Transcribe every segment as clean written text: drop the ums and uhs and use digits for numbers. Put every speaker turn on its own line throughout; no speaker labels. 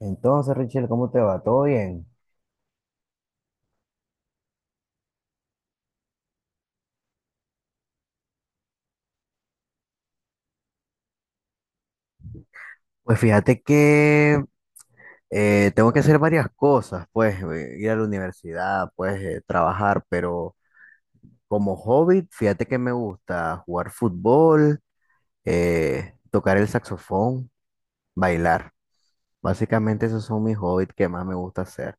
Entonces, Richel, ¿cómo te va? ¿Todo bien? Pues fíjate que tengo que hacer varias cosas, pues ir a la universidad, pues trabajar, pero como hobby, fíjate que me gusta jugar fútbol, tocar el saxofón, bailar. Básicamente esos son mis hobbies que más me gusta hacer.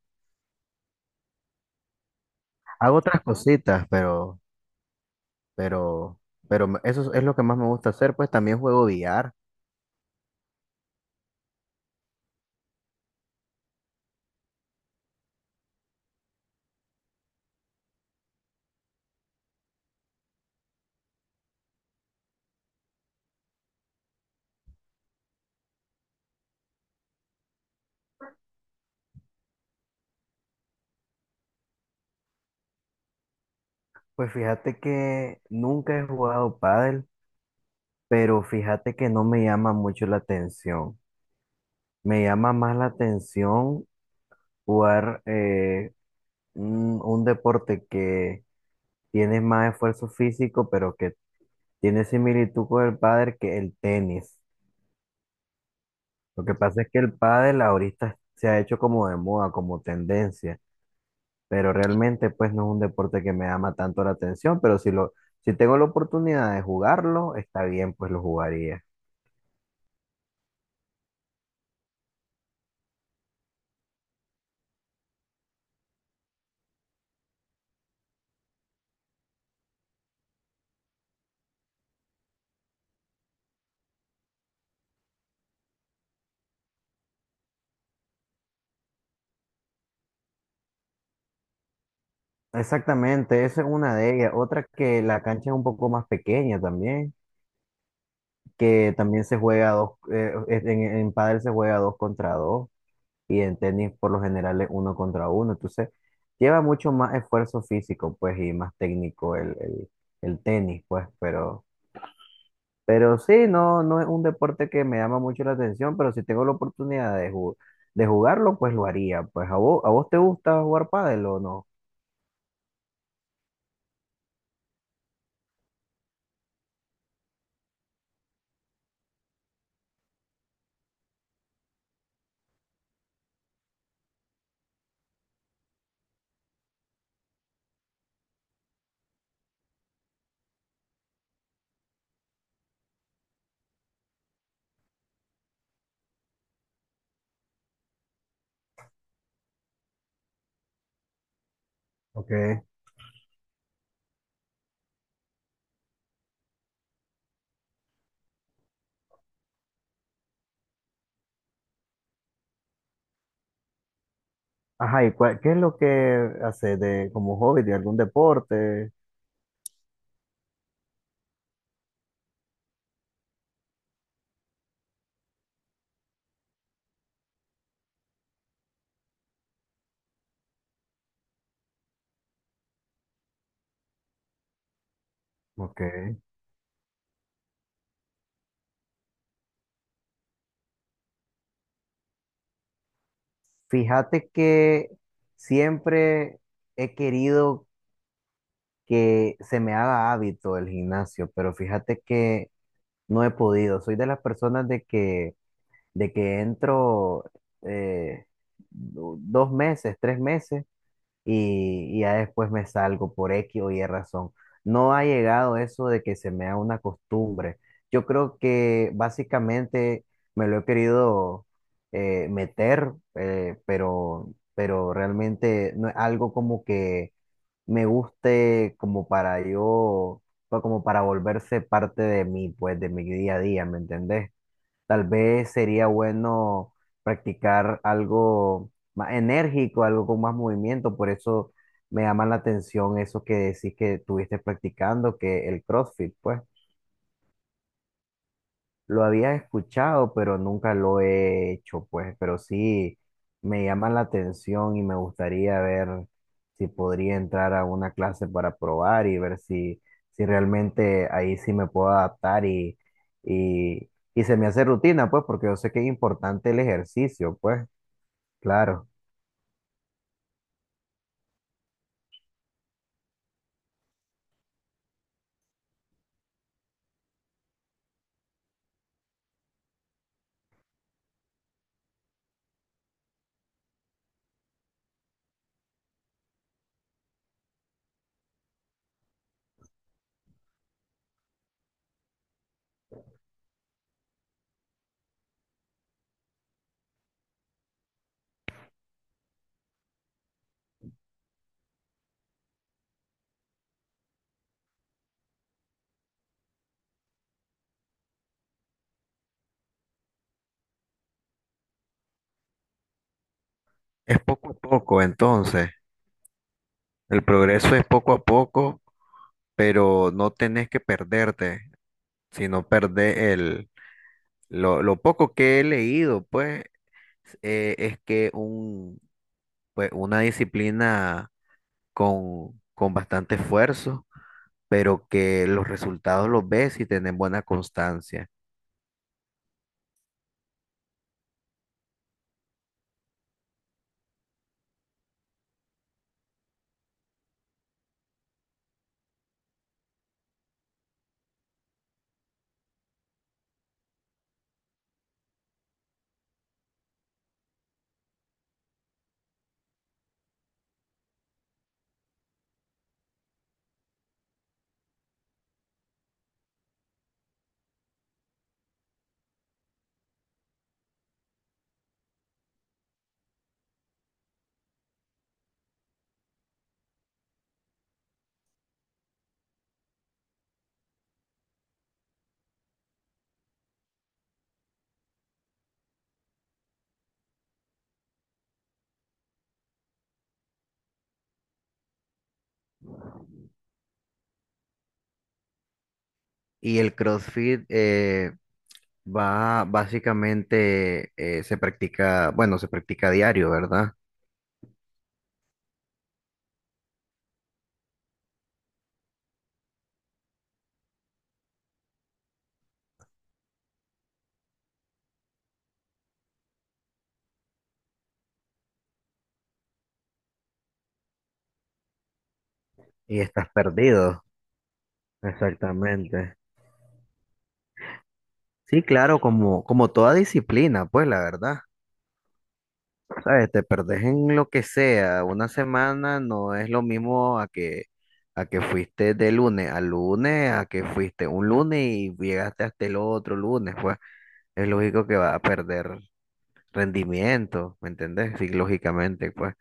Hago otras cositas, pero, pero eso es lo que más me gusta hacer, pues también juego billar. Pues fíjate que nunca he jugado pádel. Pero fíjate que no me llama mucho la atención. Me llama más la atención jugar un deporte que tiene más esfuerzo físico, pero que tiene similitud con el pádel que el tenis. Lo que pasa es que el pádel ahorita se ha hecho como de moda, como tendencia, pero realmente pues no es un deporte que me llama tanto la atención, pero si tengo la oportunidad de jugarlo, está bien, pues lo jugaría. Exactamente, esa es una de ellas. Otra que la cancha es un poco más pequeña también, que también se juega dos, en pádel se juega dos contra dos y en tenis por lo general es uno contra uno. Entonces lleva mucho más esfuerzo físico, pues, y más técnico el tenis, pues, pero sí, no, no es un deporte que me llama mucho la atención, pero si tengo la oportunidad de jugarlo, pues lo haría. Pues, ¿a vos te gusta jugar pádel o no? Ok. Ajá, ¿y qué es lo que hace de, como hobby de algún deporte? Ok. Fíjate que siempre he querido que se me haga hábito el gimnasio, pero fíjate que no he podido. Soy de las personas de que entro eh, 2 meses, 3 meses y ya después me salgo por X o Y razón. No ha llegado eso de que se me haga una costumbre. Yo creo que básicamente me lo he querido meter, pero realmente no es algo como que me guste como para yo, como para volverse parte de mí, pues de mi día a día, ¿me entendés? Tal vez sería bueno practicar algo más enérgico, algo con más movimiento. Por eso me llama la atención eso que decís que estuviste practicando, que el CrossFit, pues. Lo había escuchado, pero nunca lo he hecho, pues, pero sí me llama la atención y me gustaría ver si podría entrar a una clase para probar y ver si, si realmente ahí sí me puedo adaptar y se me hace rutina, pues, porque yo sé que es importante el ejercicio, pues, claro. Poco a poco, entonces. El progreso es poco a poco, pero no tenés que perderte, sino perder lo poco que he leído, pues, es que pues, una disciplina con bastante esfuerzo, pero que los resultados los ves y tenés buena constancia. Y el CrossFit va básicamente, bueno, se practica diario, ¿verdad? Y estás perdido. Exactamente. Sí, claro, como toda disciplina, pues la verdad. ¿Sabes? Te perdés en lo que sea. Una semana no es lo mismo a que fuiste de lunes a lunes, a que fuiste un lunes y llegaste hasta el otro lunes, pues es lógico que vas a perder rendimiento, ¿me entendés? Sí, lógicamente, pues.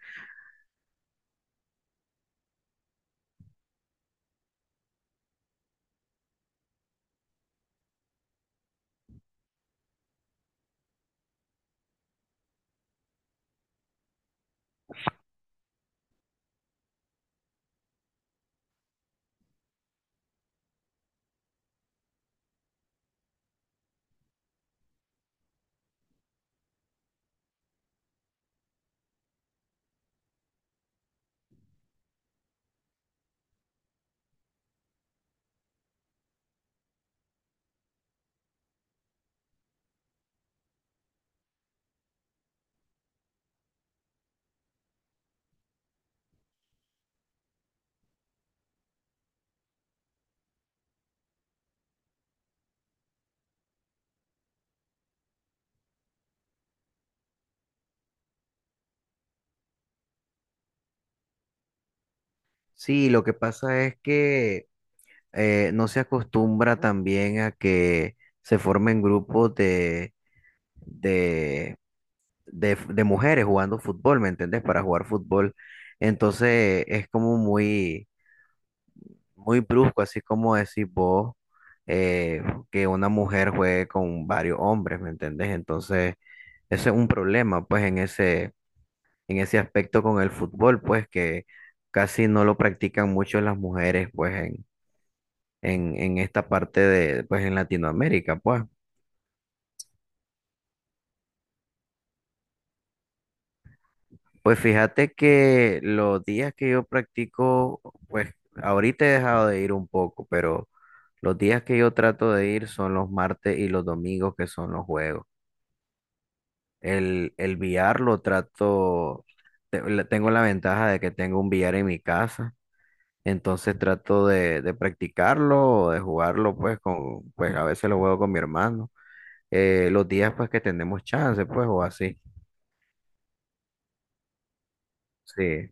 Sí, lo que pasa es que no se acostumbra también a que se formen grupos de, de mujeres jugando fútbol, ¿me entendés? Para jugar fútbol. Entonces es como muy muy brusco, así como decís vos, eh, que una mujer juegue con varios hombres, ¿me entendés? Entonces, ese es un problema, pues, en ese aspecto con el fútbol, pues, que casi no lo practican mucho las mujeres, pues, en esta parte de, pues, en Latinoamérica, pues. Pues fíjate que los días que yo practico, pues, ahorita he dejado de ir un poco, pero los días que yo trato de ir son los martes y los domingos, que son los juegos. El VR lo trato, tengo la ventaja de que tengo un VR en mi casa, entonces trato de practicarlo, de jugarlo, pues, pues a veces lo juego con mi hermano, los días pues que tenemos chance, pues, o así. Sí.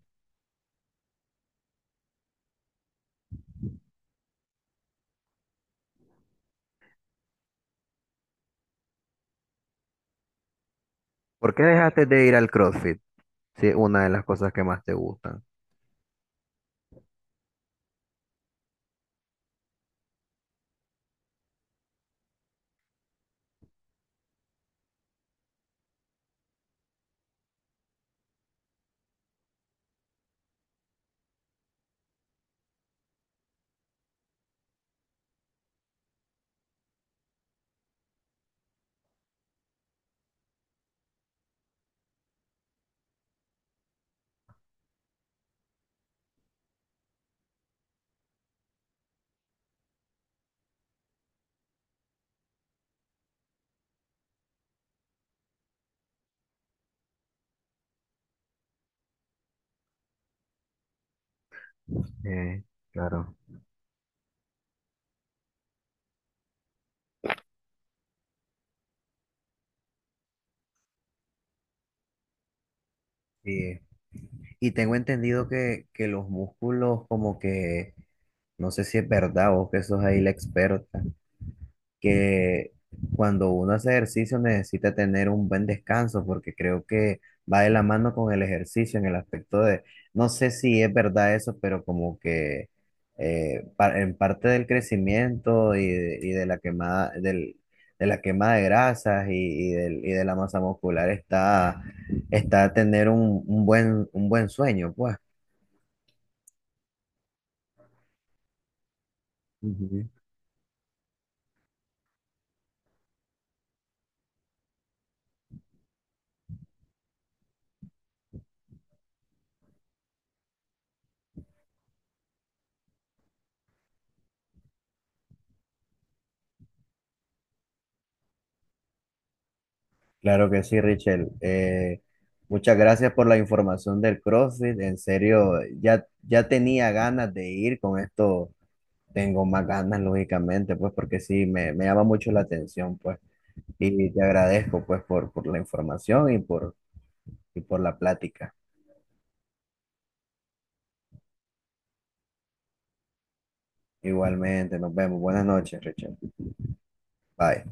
¿Por qué dejaste de ir al CrossFit? Sí, una de las cosas que más te gustan. Eh, claro. Sí. Y tengo entendido que los músculos como que, no sé si es verdad, vos que sos ahí la experta, que cuando uno hace ejercicio necesita tener un buen descanso, porque creo que va de la mano con el ejercicio en el aspecto de, no sé si es verdad eso, pero como que en parte del crecimiento y de la quemada, de la quema de grasas y de la masa muscular está tener un buen sueño, pues. Claro que sí, Richel. Muchas gracias por la información del CrossFit. En serio, ya, ya tenía ganas de ir. Con esto tengo más ganas, lógicamente, pues porque sí, me llama mucho la atención, pues. Y te agradezco, pues, por la información y por la plática. Igualmente, nos vemos. Buenas noches, Richel. Bye.